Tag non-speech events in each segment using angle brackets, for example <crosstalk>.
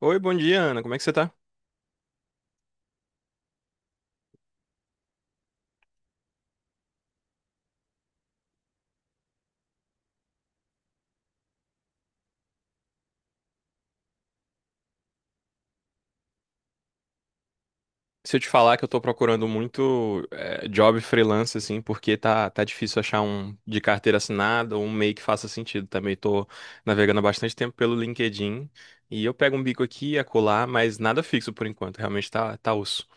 Oi, bom dia, Ana. Como é que você tá? Se eu te falar que eu tô procurando muito job freelance, assim, porque tá difícil achar um de carteira assinada ou um meio que faça sentido. Também tô navegando há bastante tempo pelo LinkedIn e eu pego um bico aqui e acolá, mas nada fixo por enquanto. Realmente tá osso.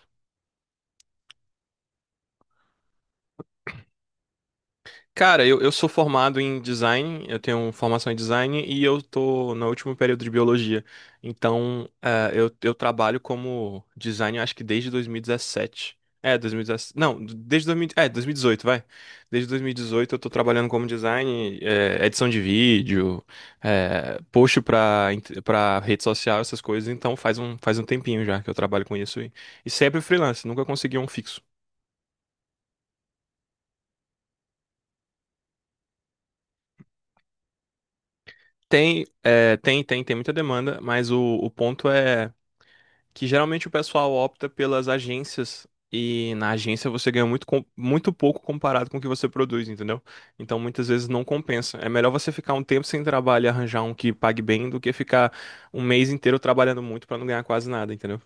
Cara, eu sou formado em design, eu tenho formação em design e eu tô no último período de biologia. Então, eu trabalho como design, acho que desde 2017. É, 2017. Não, desde 2000, é, 2018, vai. Desde 2018 eu tô trabalhando como design, edição de vídeo, post pra, pra rede social, essas coisas. Então, faz um tempinho já que eu trabalho com isso. E sempre freelance, nunca consegui um fixo. Tem, é, tem, tem, tem muita demanda, mas o ponto é que geralmente o pessoal opta pelas agências e na agência você ganha muito, muito pouco comparado com o que você produz, entendeu? Então muitas vezes não compensa. É melhor você ficar um tempo sem trabalho e arranjar um que pague bem do que ficar um mês inteiro trabalhando muito para não ganhar quase nada, entendeu?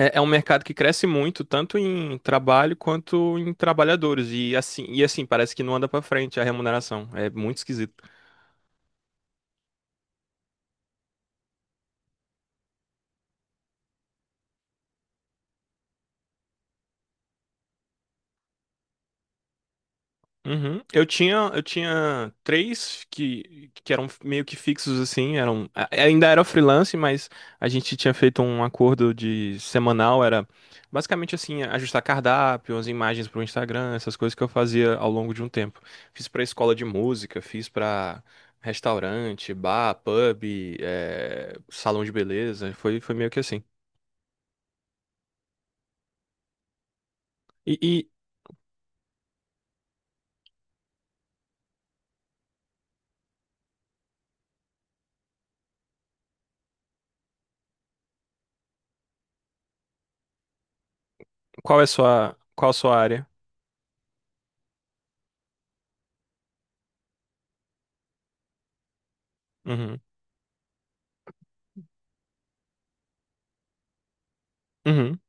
É um mercado que cresce muito, tanto em trabalho quanto em trabalhadores, e assim parece que não anda para frente a remuneração. É muito esquisito. Uhum. Eu tinha três que eram meio que fixos assim, eram ainda era freelance, mas a gente tinha feito um acordo de semanal, era basicamente assim, ajustar cardápio, as imagens para o Instagram, essas coisas que eu fazia ao longo de um tempo. Fiz para escola de música, fiz para restaurante, bar, pub, salão de beleza, foi meio que assim. E qual a sua área? Uhum. Uhum.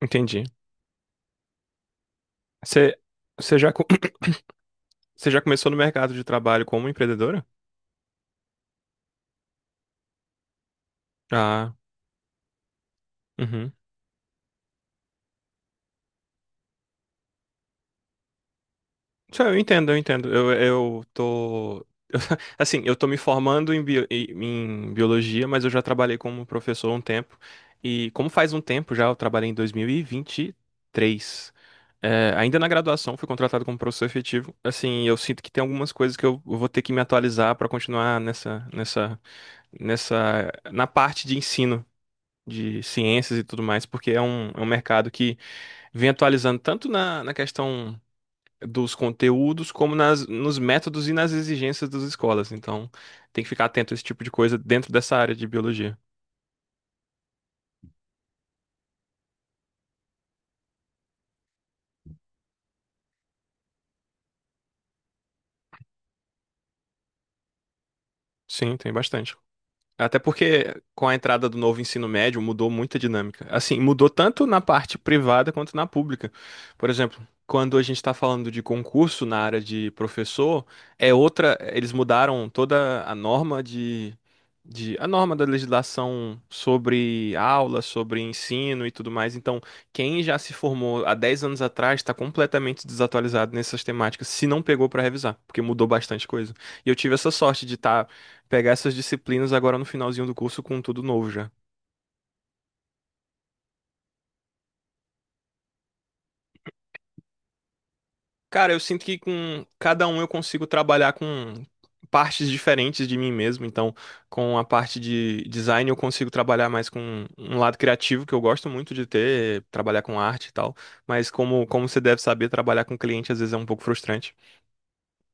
Entendi. Você Você já, Você já começou no mercado de trabalho como empreendedora? Ah, uhum. Isso, eu entendo, eu entendo. Eu tô. <laughs> Assim, eu tô me formando em biologia, mas eu já trabalhei como professor há um tempo. E como faz um tempo já, eu trabalhei em 2023. É, ainda na graduação, fui contratado como professor efetivo. Assim, eu sinto que tem algumas coisas que eu vou ter que me atualizar para continuar na parte de ensino de ciências e tudo mais, porque é um mercado que vem atualizando tanto na questão dos conteúdos como nas, nos métodos e nas exigências das escolas. Então, tem que ficar atento a esse tipo de coisa dentro dessa área de biologia. Sim, tem bastante. Até porque com a entrada do novo ensino médio mudou muita dinâmica. Assim, mudou tanto na parte privada quanto na pública. Por exemplo, quando a gente está falando de concurso na área de professor, é outra. Eles mudaram toda a norma da legislação sobre aula, sobre ensino e tudo mais. Então, quem já se formou há 10 anos atrás está completamente desatualizado nessas temáticas, se não pegou para revisar, porque mudou bastante coisa. E eu tive essa sorte de estar pegar essas disciplinas agora no finalzinho do curso com tudo novo já. Cara, eu sinto que com cada um eu consigo trabalhar com partes diferentes de mim mesmo. Então, com a parte de design eu consigo trabalhar mais com um lado criativo que eu gosto muito de ter, trabalhar com arte e tal. Mas como você deve saber, trabalhar com cliente às vezes é um pouco frustrante.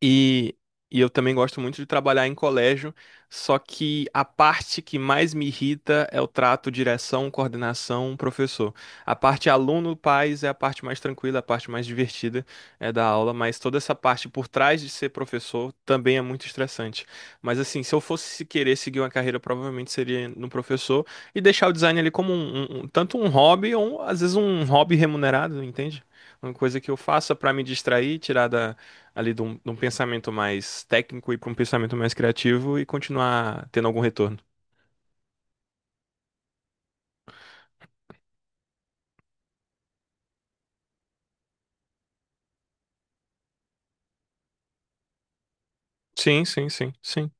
E, e eu também gosto muito de trabalhar em colégio, só que a parte que mais me irrita é o trato direção, coordenação, professor. A parte aluno, pais é a parte mais tranquila, a parte mais divertida é da aula, mas toda essa parte por trás de ser professor também é muito estressante. Mas assim, se eu fosse querer seguir uma carreira, provavelmente seria no professor e deixar o design ali como tanto um hobby ou às vezes um hobby remunerado, entende? Uma coisa que eu faça para me distrair, tirar da ali de um pensamento mais técnico e para um pensamento mais criativo e continuar tendo algum retorno. Sim, sim, sim, sim.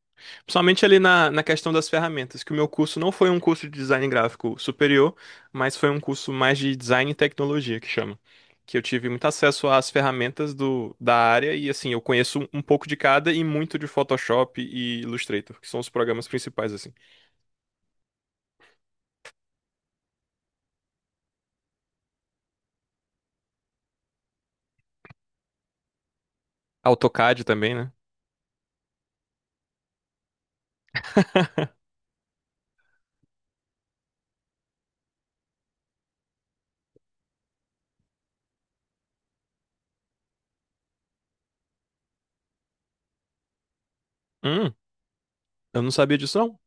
Principalmente ali na questão das ferramentas, que o meu curso não foi um curso de design gráfico superior, mas foi um curso mais de design e tecnologia, que chama. Que eu tive muito acesso às ferramentas da área e, assim, eu conheço um pouco de cada e muito de Photoshop e Illustrator, que são os programas principais, assim. AutoCAD também, né? Hum, eu não sabia disso, não.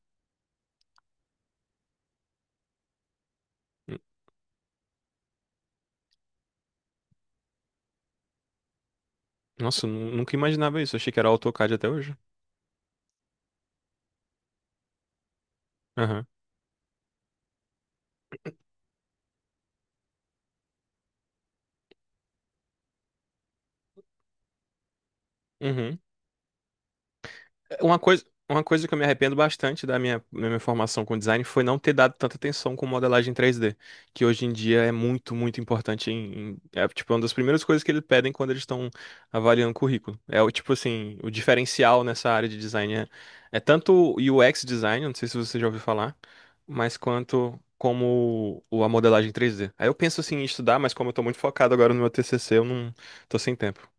Nossa, eu nunca imaginava isso. Achei que era AutoCAD até hoje. Aham. Uhum. Uma coisa que eu me arrependo bastante da minha formação com design foi não ter dado tanta atenção com modelagem 3D que hoje em dia é muito, muito importante em, é, tipo, é uma das primeiras coisas que eles pedem quando eles estão avaliando currículo. É o tipo assim, o diferencial nessa área de design é tanto o UX design, não sei se você já ouviu falar, mas quanto como a modelagem três d. Aí eu penso assim em estudar, mas como eu tô muito focado agora no meu TCC, eu não tô sem tempo.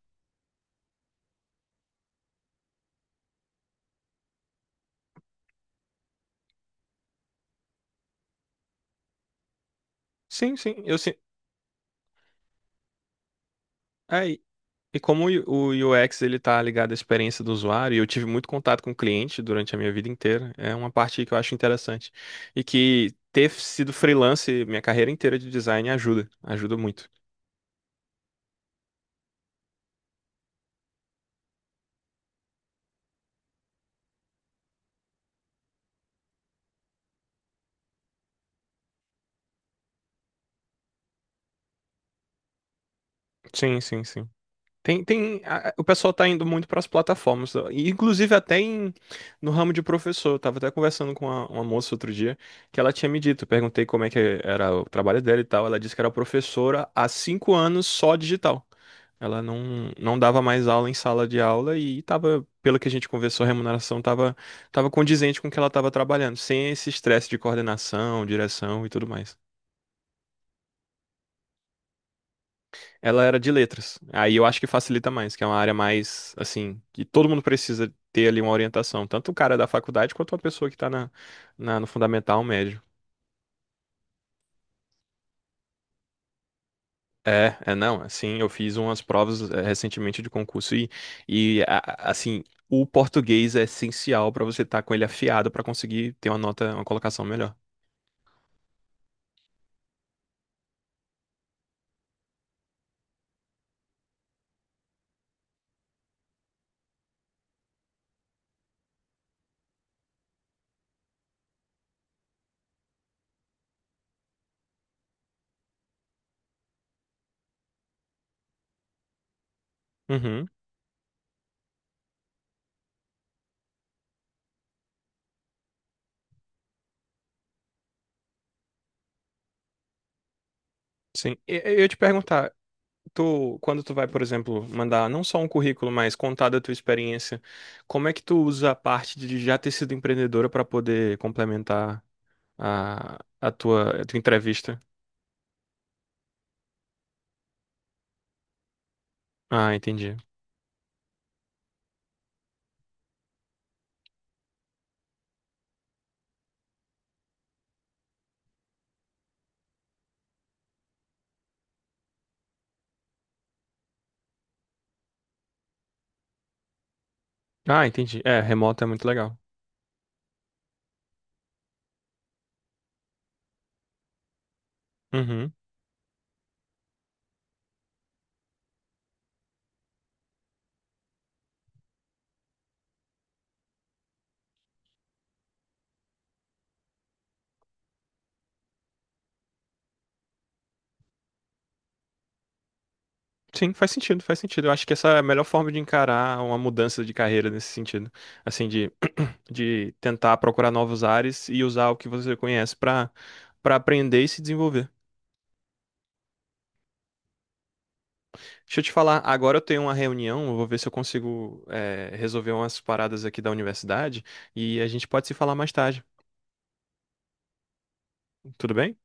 Sim, sim, eu sim. E como o UX ele está ligado à experiência do usuário, e eu tive muito contato com o cliente durante a minha vida inteira, é uma parte que eu acho interessante. E que ter sido freelance minha carreira inteira de design ajuda, ajuda muito. Sim, sim, sim. O pessoal tá indo muito para as plataformas, e inclusive até no ramo de professor. Eu tava até conversando com uma moça outro dia que ela tinha me dito. Eu perguntei como é que era o trabalho dela e tal. Ela disse que era professora há 5 anos só digital. Ela não dava mais aula em sala de aula e tava, pelo que a gente conversou, a remuneração tava condizente com o que ela tava trabalhando, sem esse estresse de coordenação, direção e tudo mais. Ela era de letras. Aí eu acho que facilita mais, que é uma área mais, assim, que todo mundo precisa ter ali uma orientação, tanto o cara da faculdade quanto a pessoa que tá no fundamental médio. É não, assim, eu fiz umas provas recentemente de concurso assim, o português é essencial para você estar com ele afiado para conseguir ter uma nota, uma colocação melhor. Uhum, sim. Eu ia te perguntar, tu, quando tu vai, por exemplo, mandar não só um currículo, mas contar da tua experiência, como é que tu usa a parte de já ter sido empreendedora para poder complementar a tua entrevista? Ah, entendi. Ah, entendi. É, remoto é muito legal. Uhum. Sim, faz sentido, faz sentido. Eu acho que essa é a melhor forma de encarar uma mudança de carreira nesse sentido. Assim, de tentar procurar novos ares e usar o que você conhece para aprender e se desenvolver. Deixa eu te falar, agora eu tenho uma reunião, eu vou ver se eu consigo, resolver umas paradas aqui da universidade e a gente pode se falar mais tarde, tudo bem?